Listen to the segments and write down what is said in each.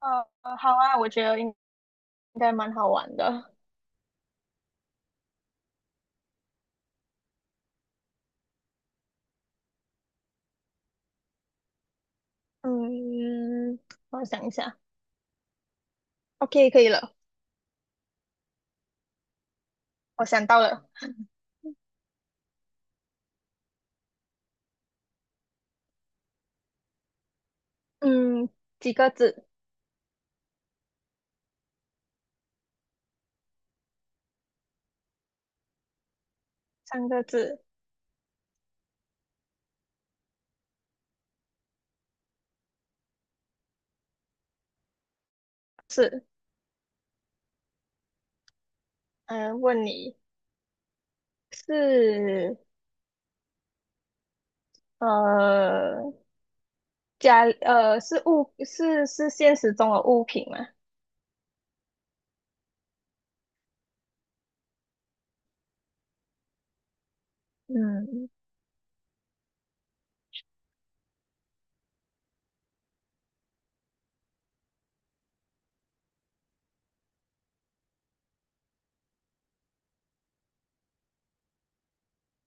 好啊，我觉得应该蛮好玩的。嗯，我想一下，OK，可以了，我想到了。嗯，几个字？三个字。是，问你是呃是是现实中的物品吗？嗯，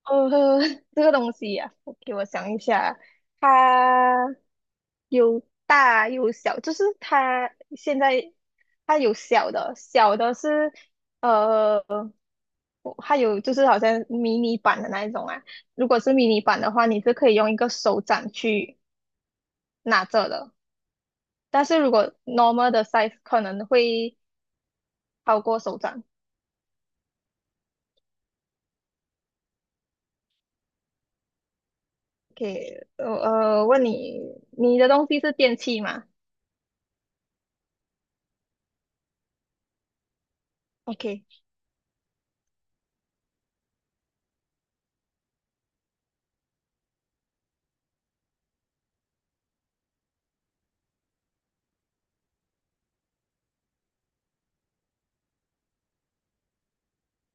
呃，这个东西啊，给我想一下，它有大有小，就是它现在它有小的，小的是呃，它有就是好像迷你版的那一种啊。如果是迷你版的话，你是可以用一个手掌去拿着的，但是如果 normal 的 size 可能会超过手掌。OK，问你，你的东西是电器吗？OK，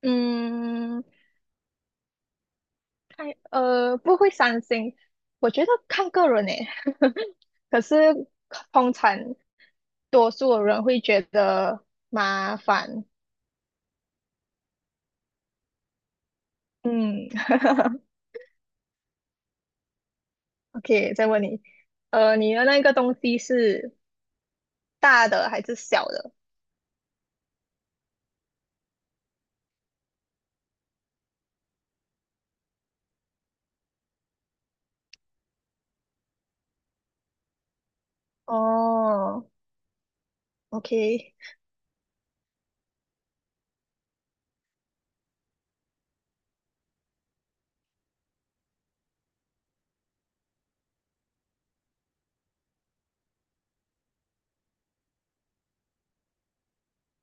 嗯。不会伤心，我觉得看个人诶。可是通常多数人会觉得麻烦。嗯 ，OK，再问你，你的那个东西是大的还是小的？哦，OK，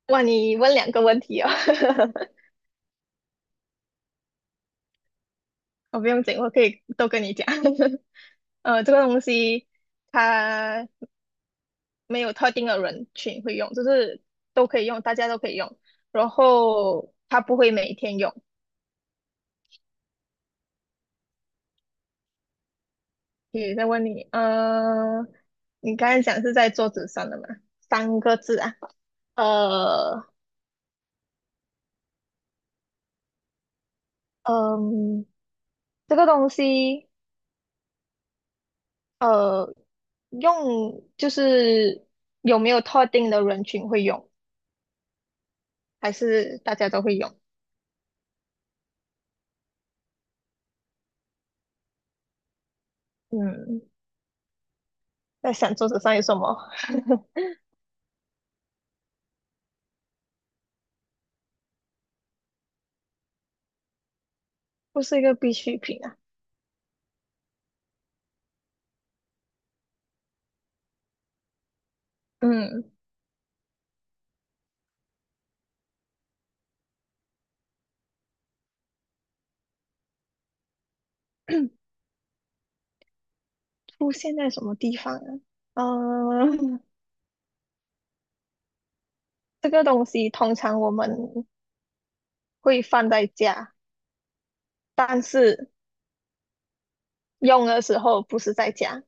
哇，你问两个问题哦。我不用紧，我可以都跟你讲。呃，这个东西它没有特定的人群会用，就是都可以用，大家都可以用。然后它不会每天用。也在问你，你刚才讲是在桌子上的嘛？三个字啊，呃，嗯，这个东西，呃，用就是有没有特定的人群会用，还是大家都会用？嗯，在想桌子上有什么？不是一个必需品啊。嗯，出现在什么地方啊？嗯，这个东西通常我们会放在家，但是用的时候不是在家。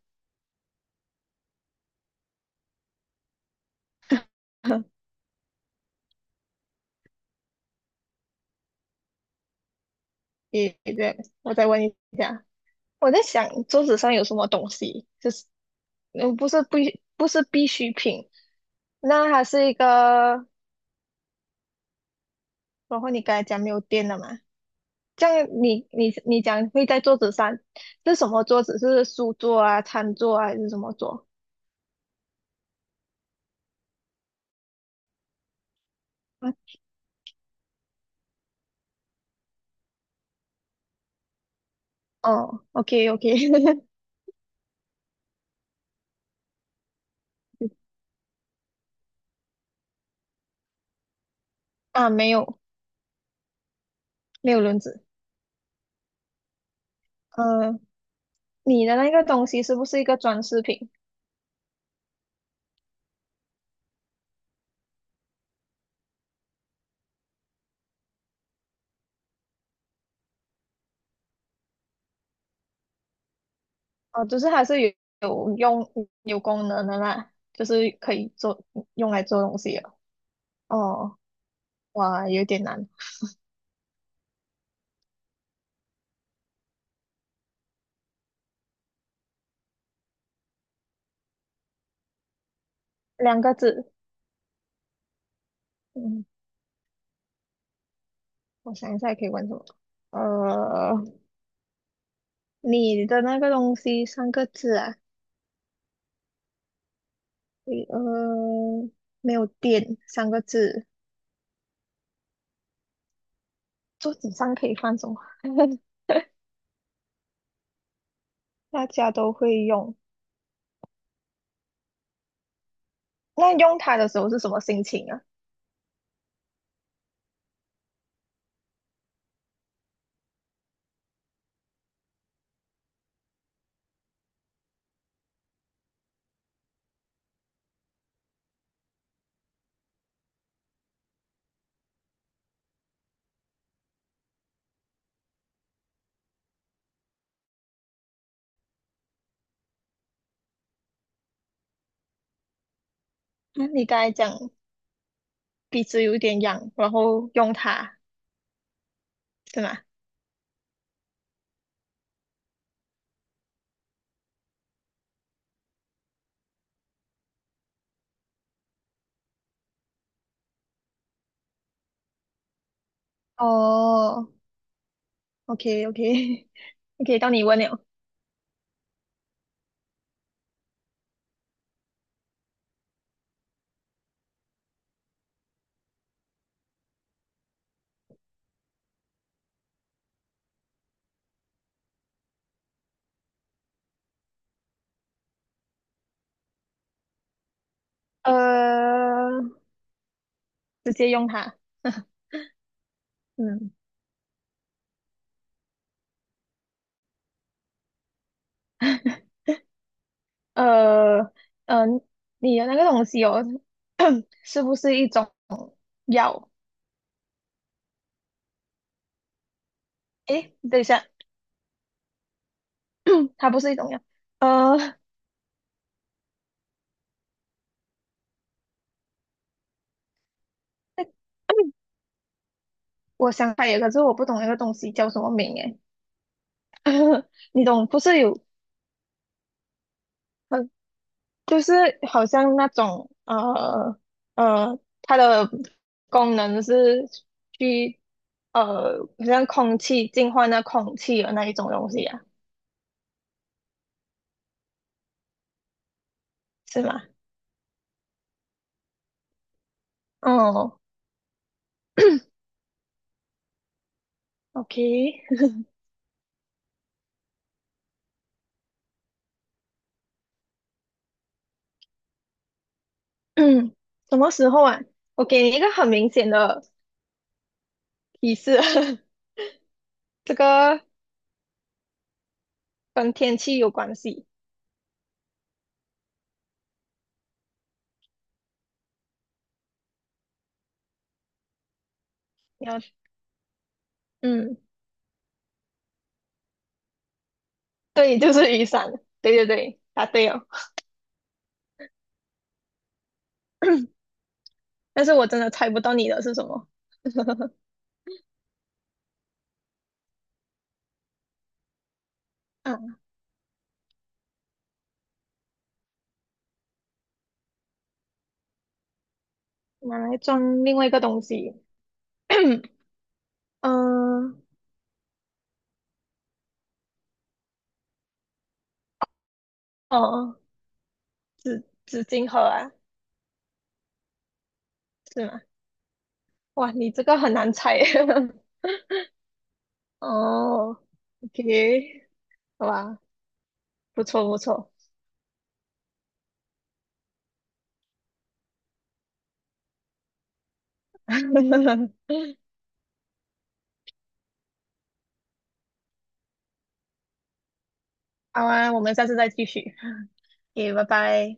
你对，我再问一下，我在想桌子上有什么东西，就是嗯，不是必需品，那还是一个，然后你刚才讲没有电了嘛？这样你讲会在桌子上是什么桌子？是书桌啊、餐桌啊，还是什么桌？嗯哦，OK OK，啊，没有没有轮子。呃，你的那个东西是不是一个装饰品？哦，就是还是有有用有功能的啦，就是可以做用来做东西的。哦，哇，有点难，两个字。嗯，我想一下可以问什么？呃，你的那个东西三个字啊？你呃，没有电三个字。桌子上可以放什么？大家都会用。那用它的时候是什么心情啊？嗯，你刚才讲。鼻子有点痒，然后用它，是吗？哦，OK OK OK，到你问了，呃，直接用它，嗯，呃，嗯呃，你的那个东西哦，是不是一种药？诶，等一下，它不是一种药，呃，我想起有，个，可是我不懂那个东西叫什么名诶，你懂，不是有，呃就是好像那种它的功能是去好像空气净化那空气的那一种东西啊，是吗？哦，OK，嗯，什么时候啊？我给你一个很明显的提示，这个跟天气有关系。你要，嗯，对，就是雨伞。对对对，答对哦。但是我真的猜不到你的是什么。嗯，拿来装另外一个东西。嗯，哦，纸巾盒啊，是吗？哇，你这个很难猜耶。哦，OK，好吧，不错不错。好啊，我们下次再继续。o 拜拜。